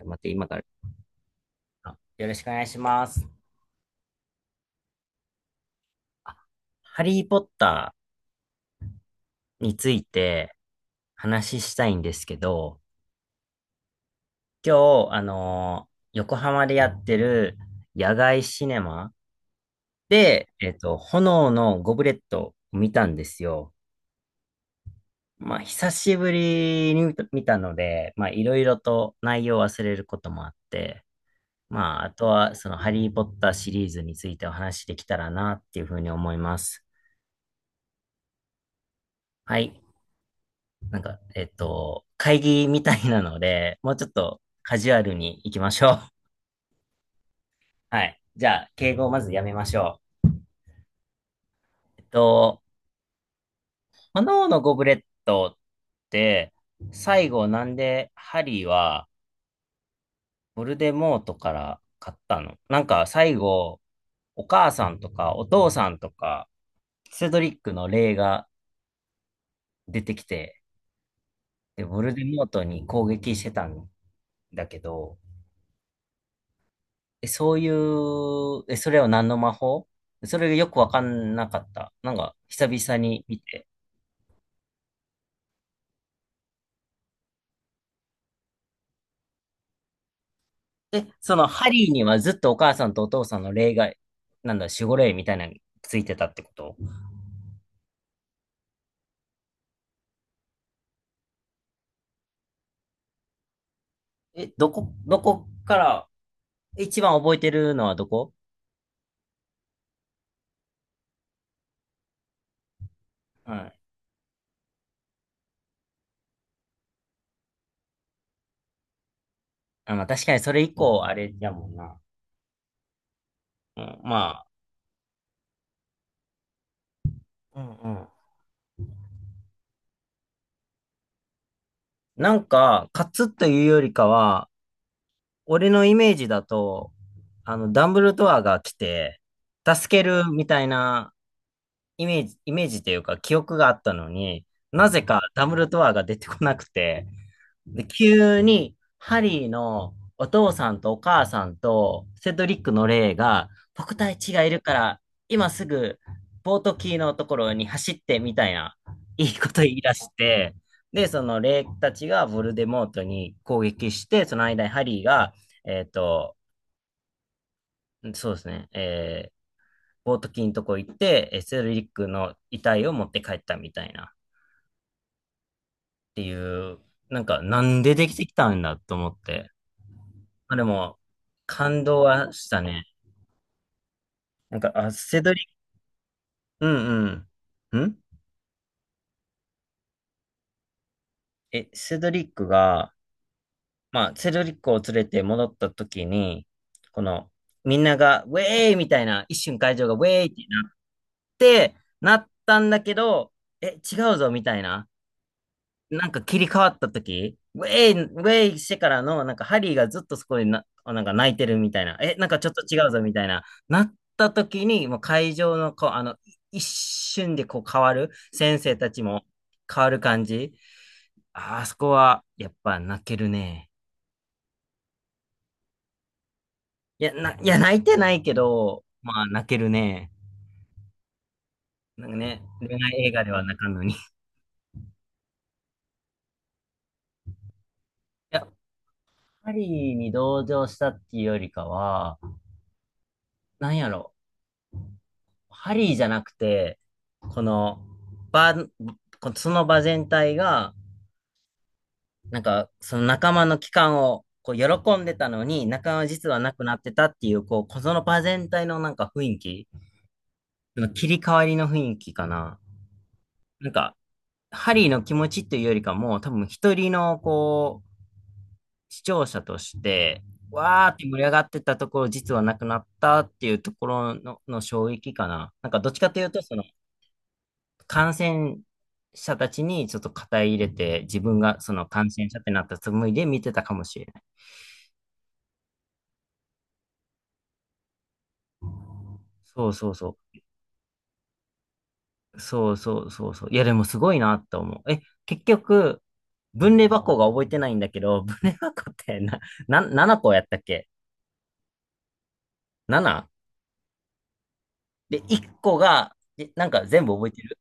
待って、今から。あ、よろしくお願いします。あ、ハリー・ポッターについて話ししたいんですけど、今日、横浜でやってる野外シネマで、炎のゴブレットを見たんですよ。まあ、久しぶりに見たので、まあ、いろいろと内容を忘れることもあって、まあ、あとは、その、ハリー・ポッターシリーズについてお話しできたらな、っていうふうに思います。はい。なんか、会議みたいなので、もうちょっとカジュアルに行きましょう。はい。じゃあ、敬語をまずやめましょう。炎のゴブレットって、最後なんでハリーはボルデモートから買ったのなんか最後、お母さんとかお父さんとか、セドリックの霊が出てきて、で、ボルデモートに攻撃してたんだけど、え、そういう、え、それは何の魔法それがよくわかんなかった。なんか、久々に見て。え、その、ハリーにはずっとお母さんとお父さんの霊が、なんだ、守護霊みたいなのについてたってこと？え、どこから、一番覚えてるのはどこ？うん。あ、まあ、確かにそれ以降、あれやもんな。うん、まあ、うんうん。なんか、勝つというよりかは、俺のイメージだと、ダンブルドアが来て、助けるみたいな、イメージというか記憶があったのに、なぜかダブルドアが出てこなくて、で、急にハリーのお父さんとお母さんとセドリックの霊が、僕たちがいるから、今すぐボートキーのところに走ってみたいな、いいこと言い出して、で、その霊たちがヴォルデモートに攻撃して、その間にハリーが、えっと、そうですね、ボートキーのとこ行って、セドリックの遺体を持って帰ったみたいなっていう、なんかなんでできてきたんだと思って。まあでも、感動はしたね。なんか、あ、セドリック、うんうん。え、セドリックが、まあ、セドリックを連れて戻った時に、この、みんなが、ウェーイみたいな、一瞬会場がウェーイってなったんだけど、え、違うぞみたいな。なんか切り替わった時、ウェイ、ウェイしてからの、なんかハリーがずっとそこでな、なんか泣いてるみたいな、え、なんかちょっと違うぞみたいな、なった時に、もう会場のこう、あの、一瞬でこう変わる、先生たちも変わる感じ。ああそこは、やっぱ泣けるね。いや、いや、泣いてないけど、まあ泣けるね。なんかね、恋愛映画では泣かんのに。いや、ハリーに同情したっていうよりかは、なんやろ。ハリーじゃなくて、この場、このその場全体が、なんか、その仲間の帰還を、こう、喜んでたのに、仲間は実はなくなってたっていう、こその場全体のなんか雰囲気、その切り替わりの雰囲気かな。なんか、ハリーの気持ちっていうよりかも、多分一人の、こう、視聴者として、わーって盛り上がってたところ、実はなくなったっていうところの衝撃かな。なんか、どっちかというと、その、感染者たちにちょっと肩入れて、自分がその感染者ってなったつもりで見てたかもしれない。そうそうそう。そうそうそうそう。いや、でもすごいなって思う。え、結局、分類箱が覚えてないんだけど、分類箱ってな、7個やったっけ ?7? で、1個が、え、なんか全部覚えてる？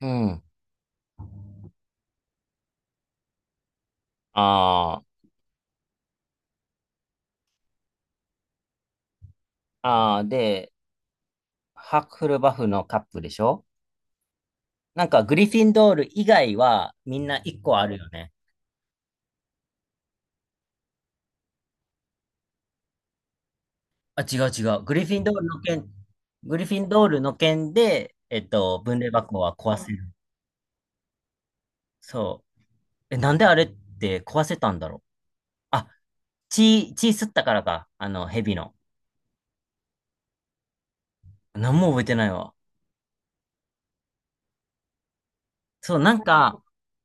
うん。ああ、ああ、で、ハッフルバフのカップでしょ？なんかグリフィンドール以外はみんな1個あるよね。あ、違う違う。グリフィンドールの剣で、分霊箱は壊せる。そう。え、なんであれって壊せたんだろう。あ、血吸ったからか。あの、蛇の。何も覚えてないわ。そう、なんか、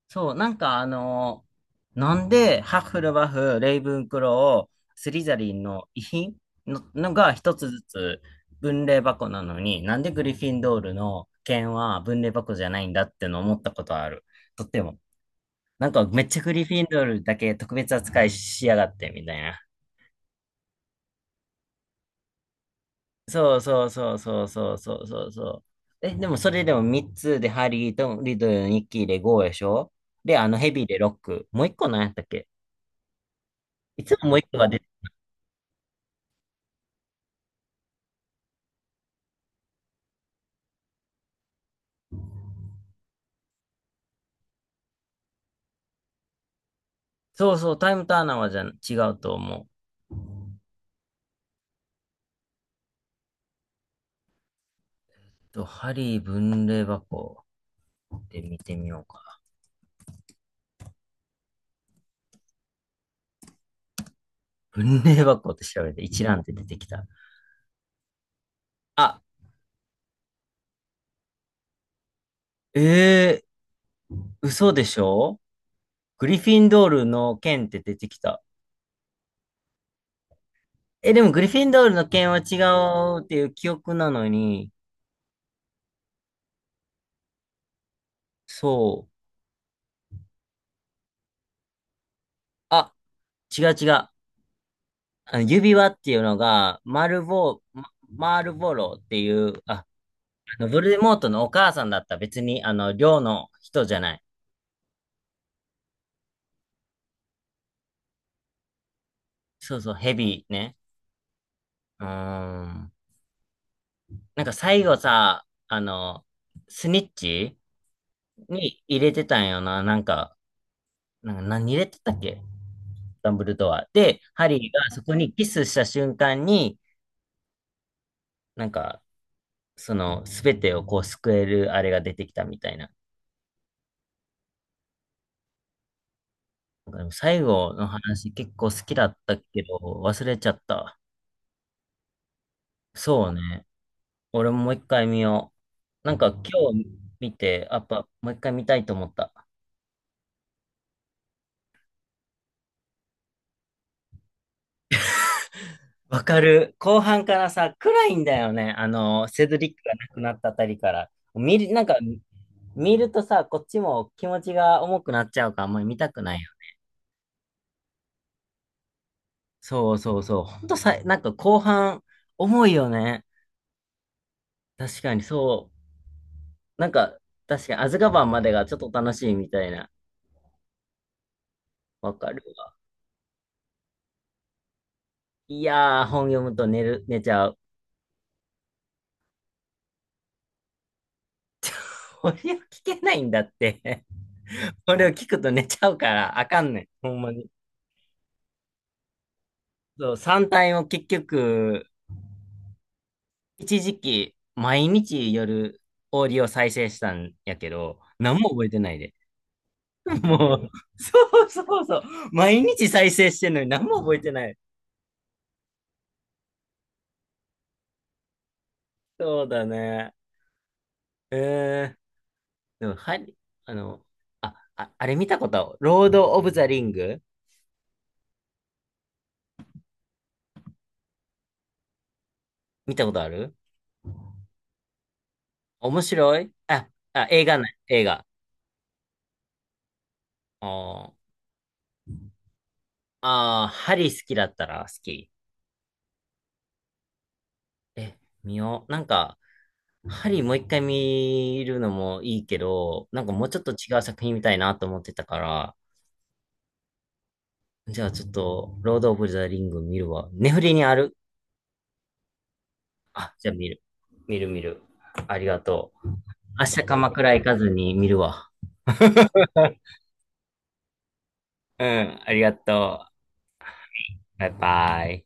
そう、なんか、なんで、ハッフルバフ、レイブンクロースリザリンの遺品のが一つずつ分霊箱なのに、なんでグリフィンドールの剣は分霊箱じゃないんだっての思ったことある。とっても。なんかめっちゃグリフィンドールだけ特別扱いしやがってみたいな。そうそうそうそうそうそうそうそう。え、でもそれでも3つでハリーとリドル、ニッキーで5でしょ？で、あのヘビーで6。もう1個何やったっけ？いつももう1個が出て、そうそう、タイムターナーはじゃん違うと思う。と、ハリー分類箱で見てみようか。分類箱って調べて一覧って出てきた。あ、えー、嘘でしょ？グリフィンドールの剣って出てきた。え、でもグリフィンドールの件は違うっていう記憶なのに、そう。あ、違う違う。あの指輪っていうのが、ママルボロっていう、あ、ヴォルデモートのお母さんだった。別に、寮の人じゃない。そうそう、ヘビーね。うーん。なんか最後さ、スニッチに入れてたんよな。なんか何入れてたっけ？ダンブルドア。で、ハリーがそこにキスした瞬間に、なんか、その、すべてをこう救えるあれが出てきたみたいな。なんかでも最後の話結構好きだったけど、忘れちゃった。そうね。俺ももう一回見よう。なんか今日見て、やっぱもう一回見たいと思った。わかる。後半からさ、暗いんだよね。あの、セドリックが亡くなったあたりから。見る、なんか、見るとさ、こっちも気持ちが重くなっちゃうから、あんまり見たくないよ。そうそうそう。ほんとさ、なんか後半、重いよね。確かにそう。なんか、確かに、アズカバンまでがちょっと楽しいみたいな。わかるわ。いやー、本読むと寝ちゃう。これを聞けないんだって。これを聞くと寝ちゃうから、あかんねん。ほんまに。そう、3体を結局、一時期、毎日夜、オーディオ再生したんやけど、何も覚えてないで。もう、そうそうそう。毎日再生してんのに何も覚えてない。そうだね。えーでも、ハリ、あの、あ、あ、あれ見たことあるロード・オブ・ザ・リング？見たことある？面白い映画ない、映画。あーハリ好きだったら好き。え、見よう。なんか、ハリもう一回見るのもいいけど、なんかもうちょっと違う作品見たいなと思ってたから、じゃあちょっと、ロード・オブ・ザ・リング見るわ。ネフリにある？あ、じゃあ見る。見る見る。ありがとう。明日鎌倉行かずに見るわ。うん、ありがとう。バイバイ。